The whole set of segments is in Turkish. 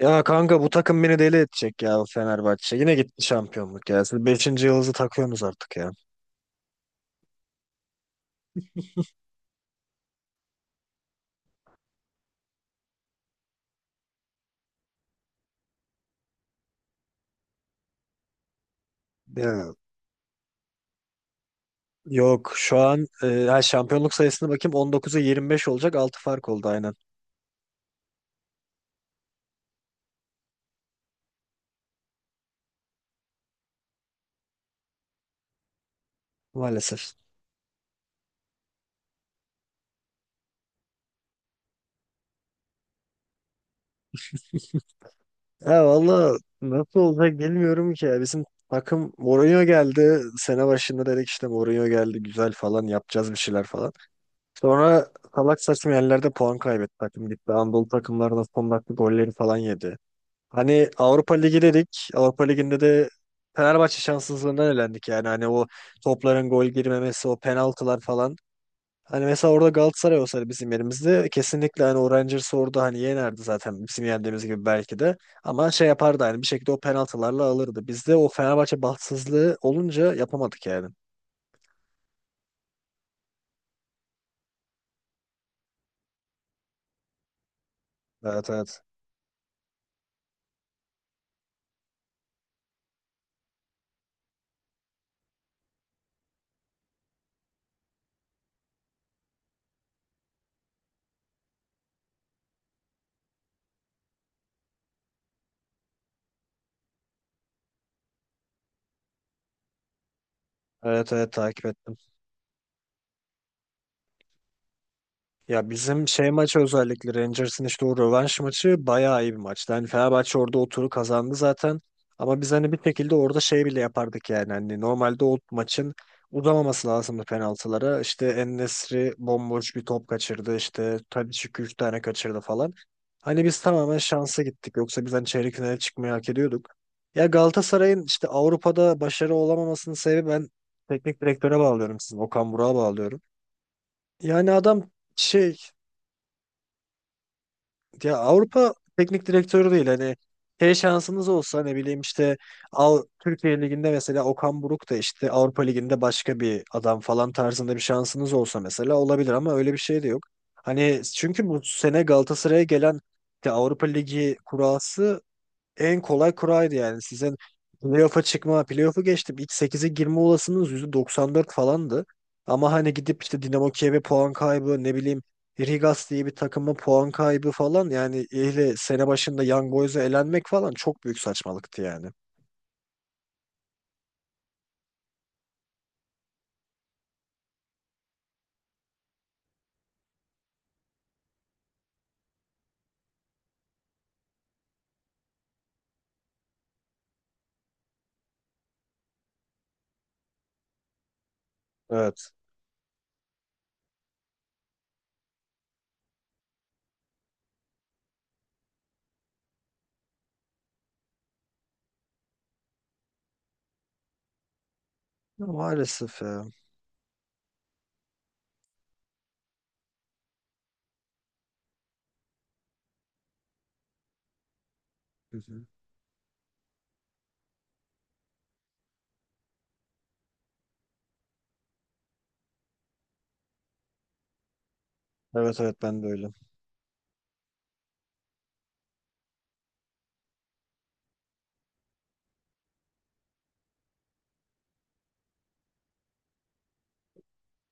Ya kanka bu takım beni deli edecek ya Fenerbahçe. Yine gitti şampiyonluk ya. Siz beşinci yılınızı takıyorsunuz artık ya. Ya yok şu an şampiyonluk sayısına bakayım 19'a 25 olacak, 6 fark oldu aynen, maalesef. Ya valla nasıl olacak bilmiyorum ki ya. Bizim takım Mourinho geldi. Sene başında dedik işte Mourinho geldi, güzel falan yapacağız bir şeyler falan. Sonra salak saçma yerlerde puan kaybetti, takım gitti. Anadolu takımlarına son dakika golleri falan yedi. Hani Avrupa Ligi dedik. Avrupa Ligi'nde de Fenerbahçe şanssızlığından elendik yani. Hani o topların gol girmemesi, o penaltılar falan. Hani mesela orada Galatasaray olsaydı bizim yerimizde kesinlikle hani o Rangers'ı orada hani yenerdi zaten, bizim yendiğimiz gibi belki de. Ama şey yapardı hani, bir şekilde o penaltılarla alırdı. Bizde o Fenerbahçe bahtsızlığı olunca yapamadık yani. Evet, evet. Evet, evet, takip ettim. Ya bizim şey maçı, özellikle Rangers'ın işte o rövanş maçı bayağı iyi bir maçtı. Hani Fenerbahçe orada o turu kazandı zaten. Ama biz hani bir şekilde orada şey bile yapardık yani. Hani normalde o maçın uzamaması lazımdı penaltılara. İşte En-Nesyri bomboş bir top kaçırdı. İşte Tadiç 2 üç tane kaçırdı falan. Hani biz tamamen şansa gittik. Yoksa biz hani çeyrek finale çıkmayı hak ediyorduk. Ya Galatasaray'ın işte Avrupa'da başarı olamamasının sebebi, ben teknik direktöre bağlıyorum sizin. Okan Burak'a bağlıyorum. Yani adam şey, ya Avrupa teknik direktörü değil hani. Şey, şansınız olsa ne bileyim işte, al Türkiye Ligi'nde mesela Okan Buruk, da işte Avrupa Ligi'nde başka bir adam falan tarzında bir şansınız olsa mesela olabilir ama öyle bir şey de yok. Hani çünkü bu sene Galatasaray'a gelen işte Avrupa Ligi kurası en kolay kuraydı yani. Sizin playoff'a çıkma, playoff'u geçtim, İlk sekize girme olasılığınız %94 falandı. Ama hani gidip işte Dinamo Kiev'e puan kaybı, ne bileyim Rigas diye bir takıma puan kaybı falan yani ile sene başında Young Boys'a elenmek falan çok büyük saçmalıktı yani. Evet. Ya maalesef ya. Hı hı. Evet, evet, ben de öyle.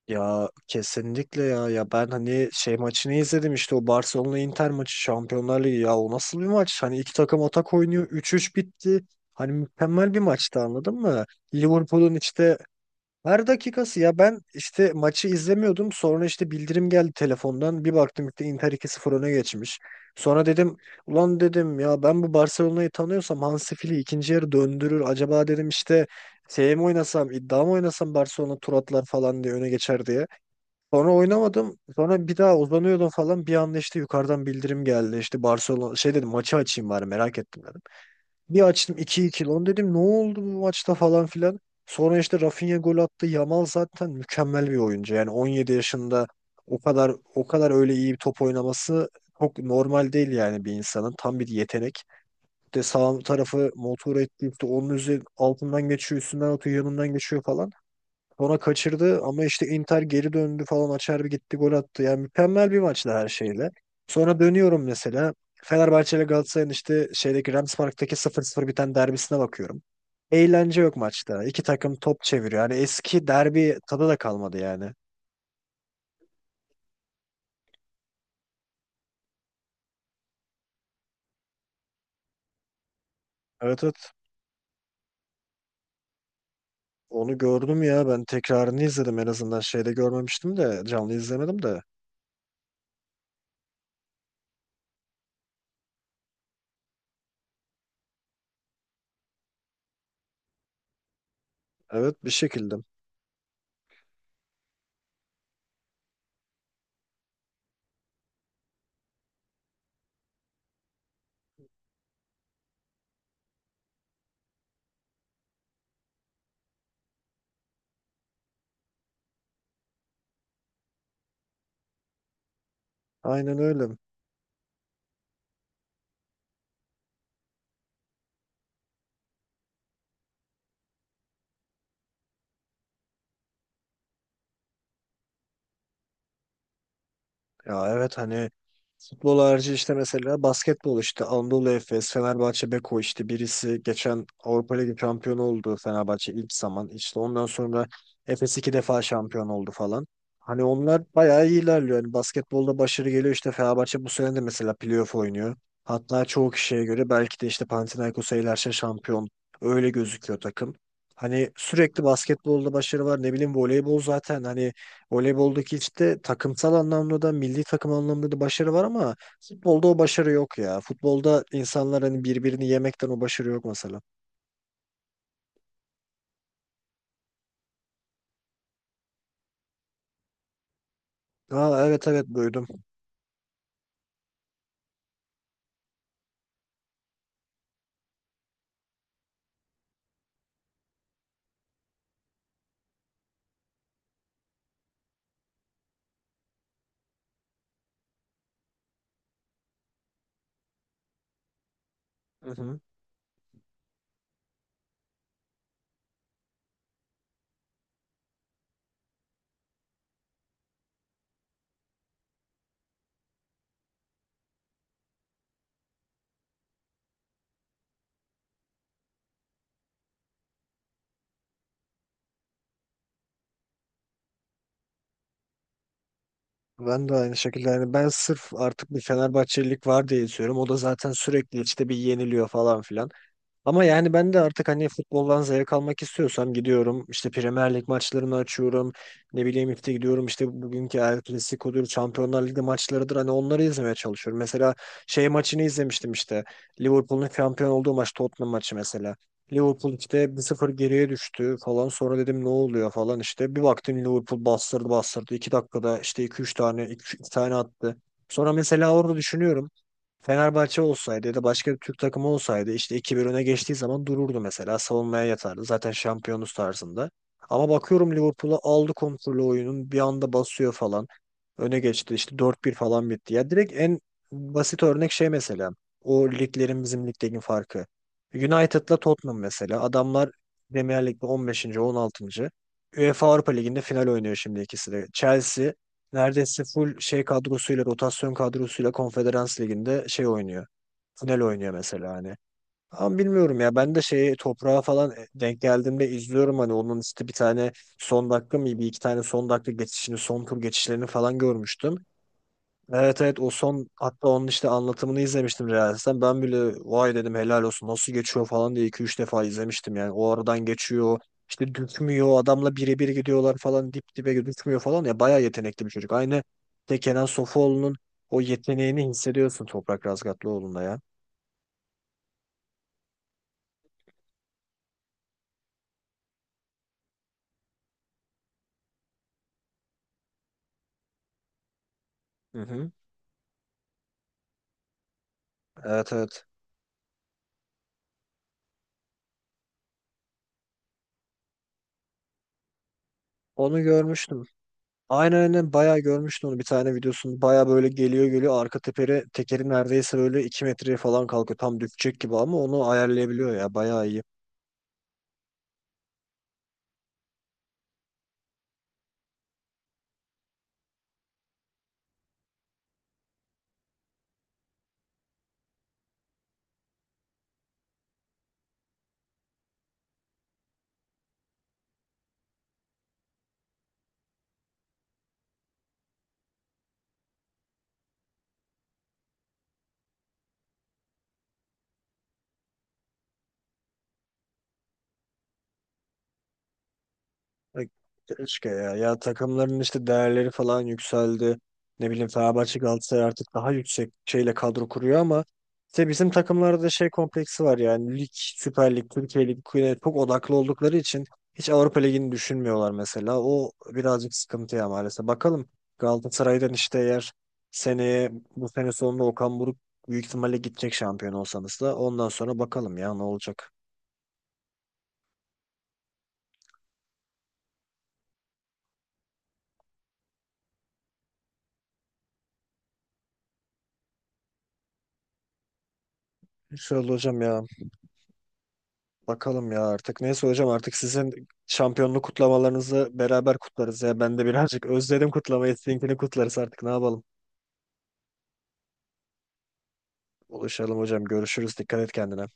Ya kesinlikle ya. Ya ben hani şey maçını izledim, işte o Barcelona Inter maçı, Şampiyonlar Ligi, ya o nasıl bir maç? Hani iki takım atak oynuyor, üç üç bitti. Hani mükemmel bir maçtı, anladın mı? Liverpool'un işte her dakikası ya, ben işte maçı izlemiyordum. Sonra işte bildirim geldi telefondan. Bir baktım işte Inter 2-0 öne geçmiş. Sonra dedim ulan dedim ya ben bu Barcelona'yı tanıyorsam Hansi Flick ikinci yarı döndürür. Acaba dedim işte şey mi oynasam, iddia mı oynasam Barcelona tur atlar falan diye, öne geçer diye. Sonra oynamadım. Sonra bir daha uzanıyordum falan. Bir anda işte yukarıdan bildirim geldi. İşte Barcelona, şey dedim maçı açayım bari, merak ettim dedim. Bir açtım, iki iki, lan dedim ne oldu bu maçta falan filan. Sonra işte Rafinha gol attı. Yamal zaten mükemmel bir oyuncu. Yani 17 yaşında o kadar, o kadar öyle iyi bir top oynaması çok normal değil yani bir insanın. Tam bir yetenek. De sağ tarafı motor etti işte, onun üzeri altından geçiyor, üstünden atıyor, yanından geçiyor falan. Sonra kaçırdı ama işte Inter geri döndü falan, Acerbi gitti gol attı. Yani mükemmel bir maçtı her şeyle. Sonra dönüyorum mesela Fenerbahçe ile Galatasaray'ın işte şeydeki Rams Park'taki sıfır 0 biten derbisine bakıyorum. Eğlence yok maçta. İki takım top çeviriyor. Yani eski derbi tadı da kalmadı yani. Evet, evet. Onu gördüm ya. Ben tekrarını izledim en azından. Şeyde görmemiştim de. Canlı izlemedim de. Evet, bir şekilde. Aynen öyle. Ya evet, hani futbol harici işte mesela basketbol, işte Anadolu Efes, Fenerbahçe, Beko, işte birisi geçen Avrupa Ligi şampiyonu oldu, Fenerbahçe ilk zaman. İşte ondan sonra Efes iki defa şampiyon oldu falan. Hani onlar bayağı iyi ilerliyor. Hani basketbolda başarı geliyor, işte Fenerbahçe bu sene de mesela playoff oynuyor. Hatta çoğu kişiye göre belki de işte Panathinaikos'a ilerse şampiyon, öyle gözüküyor takım. Hani sürekli basketbolda başarı var, ne bileyim voleybol zaten hani voleyboldaki işte takımsal anlamda da milli takım anlamında da başarı var ama futbolda o başarı yok ya. Futbolda insanlar hani birbirini yemekten o başarı yok mesela. Ha evet, evet, duydum. Hı hı. Ben de aynı şekilde yani, ben sırf artık bir Fenerbahçelilik var diye istiyorum. O da zaten sürekli işte bir yeniliyor falan filan. Ama yani ben de artık hani futboldan zevk almak istiyorsam gidiyorum. İşte Premier Lig maçlarını açıyorum. Ne bileyim işte gidiyorum, işte bugünkü El Clasico'dur, Şampiyonlar Ligi maçlarıdır. Hani onları izlemeye çalışıyorum. Mesela şey maçını izlemiştim işte. Liverpool'un şampiyon olduğu maç, Tottenham maçı mesela. Liverpool işte 1-0 geriye düştü falan. Sonra dedim ne oluyor falan işte. Bir baktım Liverpool bastırdı bastırdı. 2 dakikada işte iki üç tane, 2 tane attı. Sonra mesela orada düşünüyorum. Fenerbahçe olsaydı ya da başka bir Türk takımı olsaydı işte iki bir öne geçtiği zaman dururdu mesela. Savunmaya yatardı. Zaten şampiyonuz tarzında. Ama bakıyorum Liverpool'a, aldı kontrolü oyunun. Bir anda basıyor falan. Öne geçti işte, dört bir falan bitti. Ya direkt en basit örnek şey mesela. O liglerin bizim ligdeki farkı. United'la Tottenham mesela. Adamlar Premier Lig'de on beşinci, on altıncı, UEFA Avrupa Ligi'nde final oynuyor şimdi ikisi de. Chelsea neredeyse full şey kadrosuyla, rotasyon kadrosuyla Konferans Ligi'nde şey oynuyor. Final oynuyor mesela hani. Ama bilmiyorum ya, ben de şeyi toprağa falan denk geldiğimde izliyorum, hani onun işte bir tane son dakika mı bir iki tane son dakika geçişini, son tur geçişlerini falan görmüştüm. Evet, evet, o son, hatta onun işte anlatımını izlemiştim Reels'ten. Ben bile vay dedim, helal olsun nasıl geçiyor falan diye iki üç defa izlemiştim yani. O aradan geçiyor işte, düşmüyor, adamla birebir gidiyorlar falan, dip dibe düşmüyor falan, ya bayağı yetenekli bir çocuk. Aynı işte Kenan Sofuoğlu'nun o yeteneğini hissediyorsun Toprak Razgatlıoğlu'nda ya. Hı hı. Evet, evet, onu görmüştüm. Aynen, aynen, bayağı görmüştüm onu, bir tane videosunu. Bayağı böyle geliyor geliyor, arka teperi tekeri neredeyse böyle 2 metreye falan kalkıyor. Tam düşecek gibi ama onu ayarlayabiliyor ya. Bayağı iyi. E, Keşke ya. Ya takımların işte değerleri falan yükseldi. Ne bileyim Fenerbahçe Galatasaray artık daha yüksek şeyle kadro kuruyor ama işte bizim takımlarda da şey kompleksi var yani, lig, Süper Lig, Türkiye Lig Kuyu- çok odaklı oldukları için hiç Avrupa Ligi'ni düşünmüyorlar mesela. O birazcık sıkıntı ya, maalesef. Bakalım, Galatasaray'dan işte, eğer seneye, bu sene sonunda Okan Buruk büyük ihtimalle gidecek, şampiyon olsanız da ondan sonra bakalım ya ne olacak. Şöyle hocam ya, bakalım ya artık. Neyse hocam, artık sizin şampiyonluk kutlamalarınızı beraber kutlarız ya. Ben de birazcık özledim kutlamayı. Sizinkini kutlarız artık, ne yapalım. Buluşalım hocam. Görüşürüz. Dikkat et kendine.